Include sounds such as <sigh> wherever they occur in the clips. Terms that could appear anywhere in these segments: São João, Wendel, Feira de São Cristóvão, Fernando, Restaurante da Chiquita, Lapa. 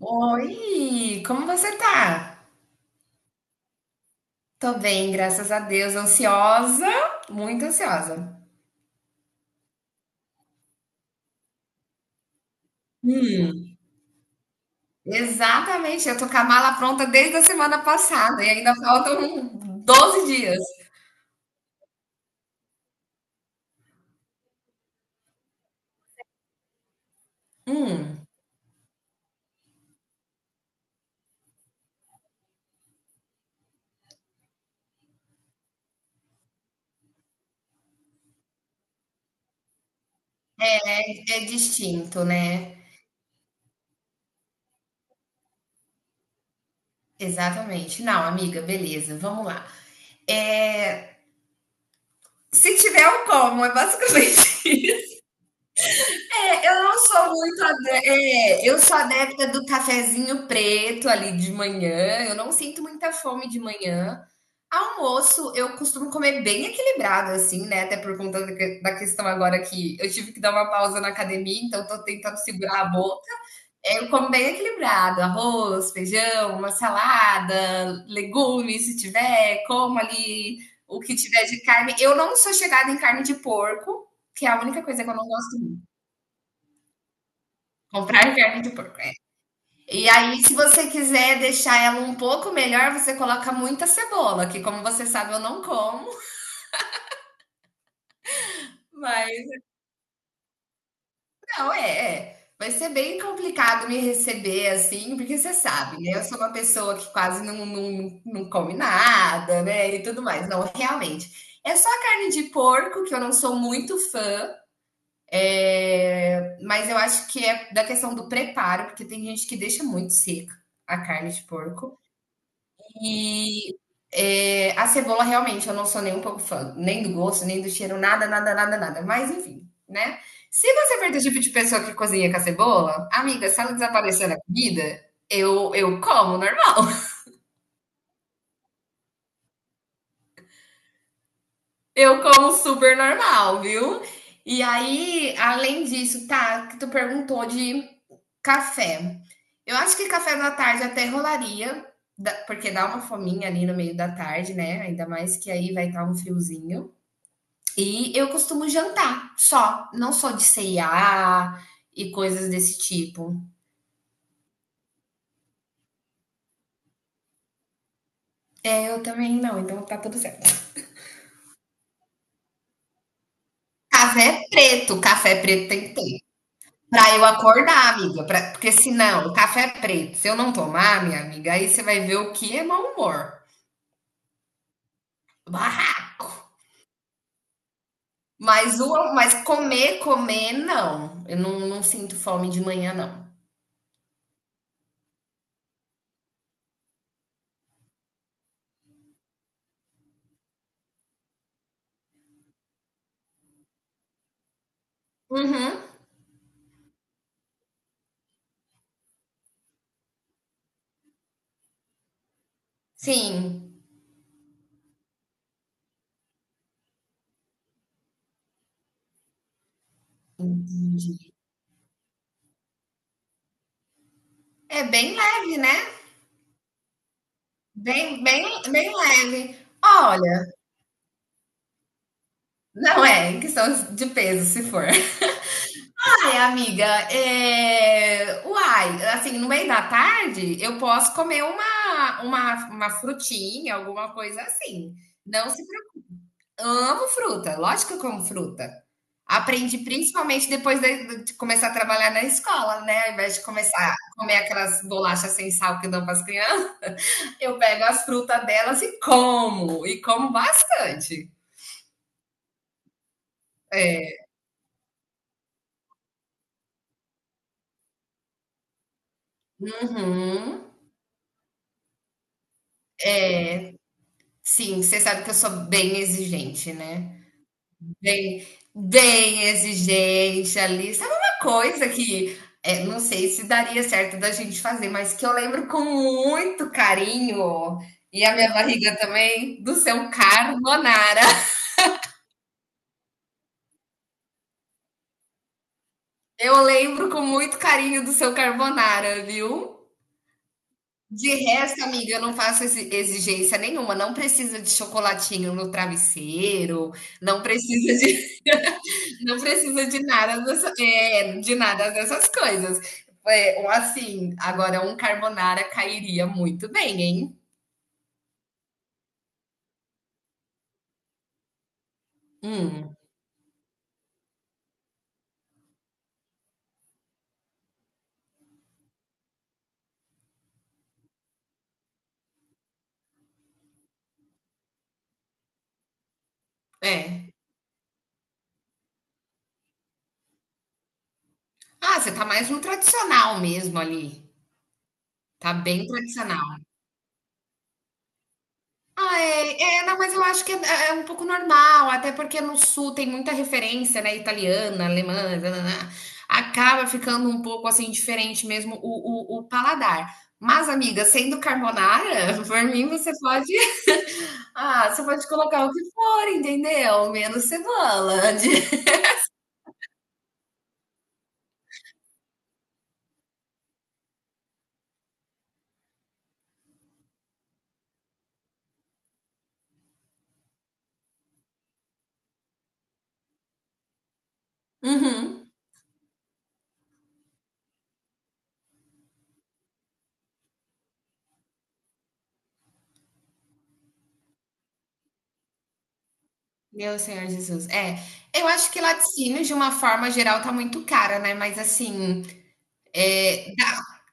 Oi, como você tá? Tô bem, graças a Deus. Ansiosa, muito ansiosa. Hum, exatamente, eu tô com a mala pronta desde a semana passada e ainda faltam 12 dias. Hum, é distinto, né? Exatamente. Não, amiga, beleza, vamos lá. É, se tiver o como, é basicamente <laughs> É, eu não sou muito adepta, eu sou adepta do cafezinho preto ali de manhã. Eu não sinto muita fome de manhã. Almoço, eu costumo comer bem equilibrado, assim, né? Até por conta da questão agora que eu tive que dar uma pausa na academia, então tô tentando segurar a boca. É, eu como bem equilibrado, arroz, feijão, uma salada, legumes, se tiver, como ali o que tiver de carne. Eu não sou chegada em carne de porco, que é a única coisa que eu não gosto. Comprar carne de porco, é. E aí, se você quiser deixar ela um pouco melhor, você coloca muita cebola, que como você sabe, eu não como, mas não. Vai ser bem complicado me receber assim, porque você sabe, né? Eu sou uma pessoa que quase não, não, não come nada, né? E tudo mais. Não, realmente. É só a carne de porco, que eu não sou muito fã, mas eu acho que é da questão do preparo, porque tem gente que deixa muito seca a carne de porco. E a cebola, realmente, eu não sou nem um pouco fã, nem do gosto, nem do cheiro, nada, nada, nada, nada. Mas enfim, né? Se você for do tipo de pessoa que cozinha com a cebola, amiga, se ela desaparecer na comida, eu como normal. <laughs> Eu como super normal, viu? E aí, além disso, tá, que tu perguntou de café. Eu acho que café da tarde até rolaria, porque dá uma fominha ali no meio da tarde, né? Ainda mais que aí vai estar um friozinho. E eu costumo jantar só, não sou de ceia e coisas desse tipo. É, eu também não, então tá tudo certo. Café é preto, café preto tem que ter. Pra eu acordar, amiga, porque senão, café é preto, se eu não tomar, minha amiga, aí você vai ver o que é mau humor. Barraco. Mas, mas comer, comer, não. Eu não, não sinto fome de manhã, não. Uhum, sim. É bem leve, né? Bem, bem, bem leve. Olha, não é em questão de peso, se for. <laughs> Ai, amiga, uai, assim, no meio da tarde eu posso comer uma frutinha, alguma coisa assim. Não se preocupe. Amo fruta, lógico que eu como fruta. Aprendi principalmente depois de começar a trabalhar na escola, né? Ao invés de começar a comer aquelas bolachas sem sal que dão para as crianças, <laughs> eu pego as frutas delas e como bastante. É, Uhum. É. Sim, você sabe que eu sou bem exigente, né? Bem, bem exigente ali. Sabe uma coisa que, não sei se daria certo da gente fazer, mas que eu lembro com muito carinho, e a minha barriga também, do seu carbonara. Eu lembro com muito carinho do seu carbonara, viu? De resto, amiga, eu não faço exigência nenhuma. Não precisa de chocolatinho no travesseiro, não precisa de Não precisa de nada, de nada dessas coisas. É, ou assim, agora um carbonara cairia muito bem, hein? Hum, é. Ah, você tá mais no tradicional mesmo ali. Tá bem tradicional. Ah, não, mas eu acho que é, é um pouco normal, até porque no sul tem muita referência, né? Italiana, alemã, nananã. Acaba ficando um pouco assim diferente mesmo o paladar. Mas, amiga, sendo carbonara, <laughs> por mim você pode colocar o que for, entendeu? Menos cebola. <laughs> Uhum. Meu Senhor Jesus. É, eu acho que laticínio, de uma forma geral, tá muito cara, né? Mas assim, é,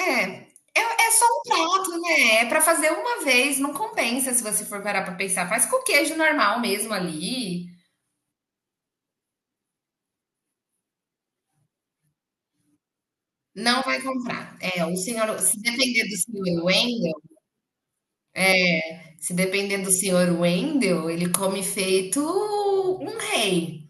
é, é é só um prato, né? É pra fazer uma vez, não compensa se você for parar pra pensar. Faz com queijo normal mesmo ali. Não vai comprar. É, o senhor, se depender do senhor Wendel, se depender do senhor Wendel, ele come feito um rei.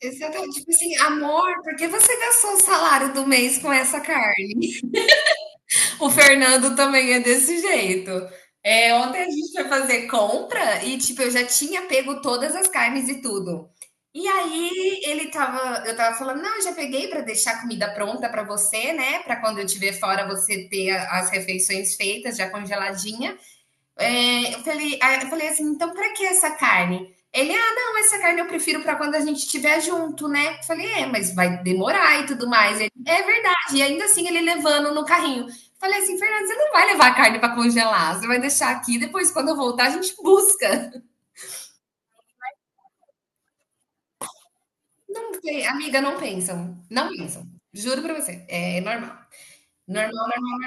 Exatamente. Tipo assim, amor, por que você gastou o salário do mês com essa carne? O Fernando também é desse jeito. É, ontem a gente foi fazer compra e, tipo, eu já tinha pego todas as carnes e tudo. E aí eu tava falando, não, eu já peguei para deixar a comida pronta para você, né? Para quando eu estiver fora você ter as refeições feitas, já congeladinha. Eu falei assim, então para que essa carne? Ele, não, essa carne eu prefiro para quando a gente estiver junto, né? Eu falei, mas vai demorar e tudo mais. Ele, é verdade. E ainda assim ele levando no carrinho. Eu falei assim, Fernando, você não vai levar a carne para congelar, você vai deixar aqui, depois quando eu voltar a gente busca. Não sei, amiga, não pensam, não pensam. Juro para você, é normal. Normal, normal.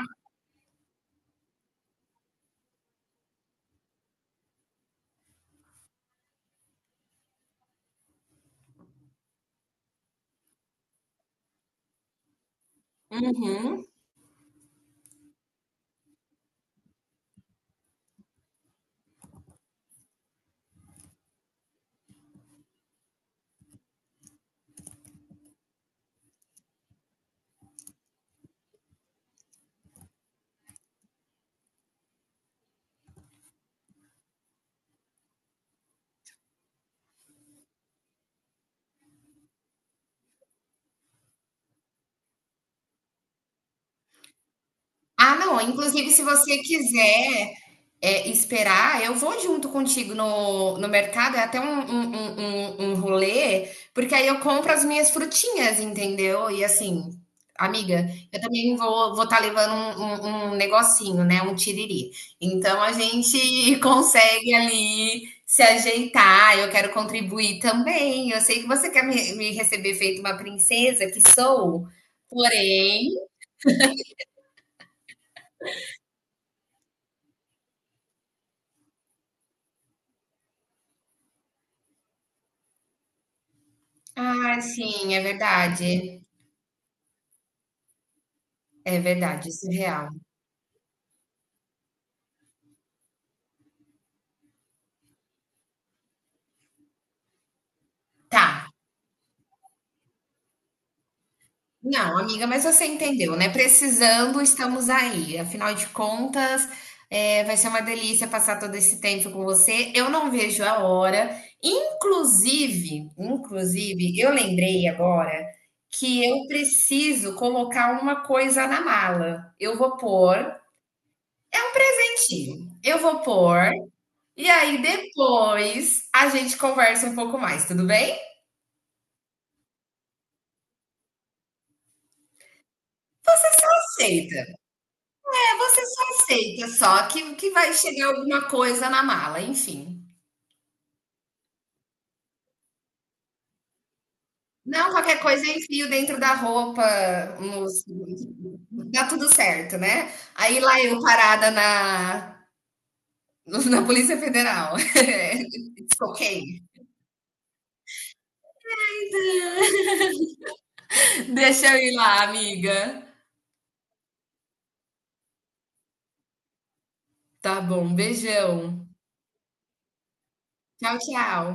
Uhum. Ah, não, inclusive se você quiser, esperar, eu vou junto contigo no mercado, é até um rolê, porque aí eu compro as minhas frutinhas, entendeu. E assim, amiga, eu também vou estar levando um um negocinho, né, um tiriri. Então a gente <laughs> consegue ali se ajeitar, eu quero contribuir também, eu sei que você quer me receber feito uma princesa que sou, porém. Ah, sim, é verdade. É verdade, isso é real. Tá. Não, amiga, mas você entendeu, né? Precisando, estamos aí. Afinal de contas, vai ser uma delícia passar todo esse tempo com você. Eu não vejo a hora. Inclusive, eu lembrei agora que eu preciso colocar uma coisa na mala. Eu vou pôr um dentinho. Eu vou pôr, e aí depois a gente conversa um pouco mais, tudo bem? Aceita. É, você só aceita, só que vai chegar alguma coisa na mala, enfim. Não, qualquer coisa eu enfio dentro da roupa, nos- dá tudo certo, né? Aí lá eu parada na Polícia Federal. <laughs> Ok. Deixa eu ir lá, amiga. Tá bom, beijão. Tchau, tchau.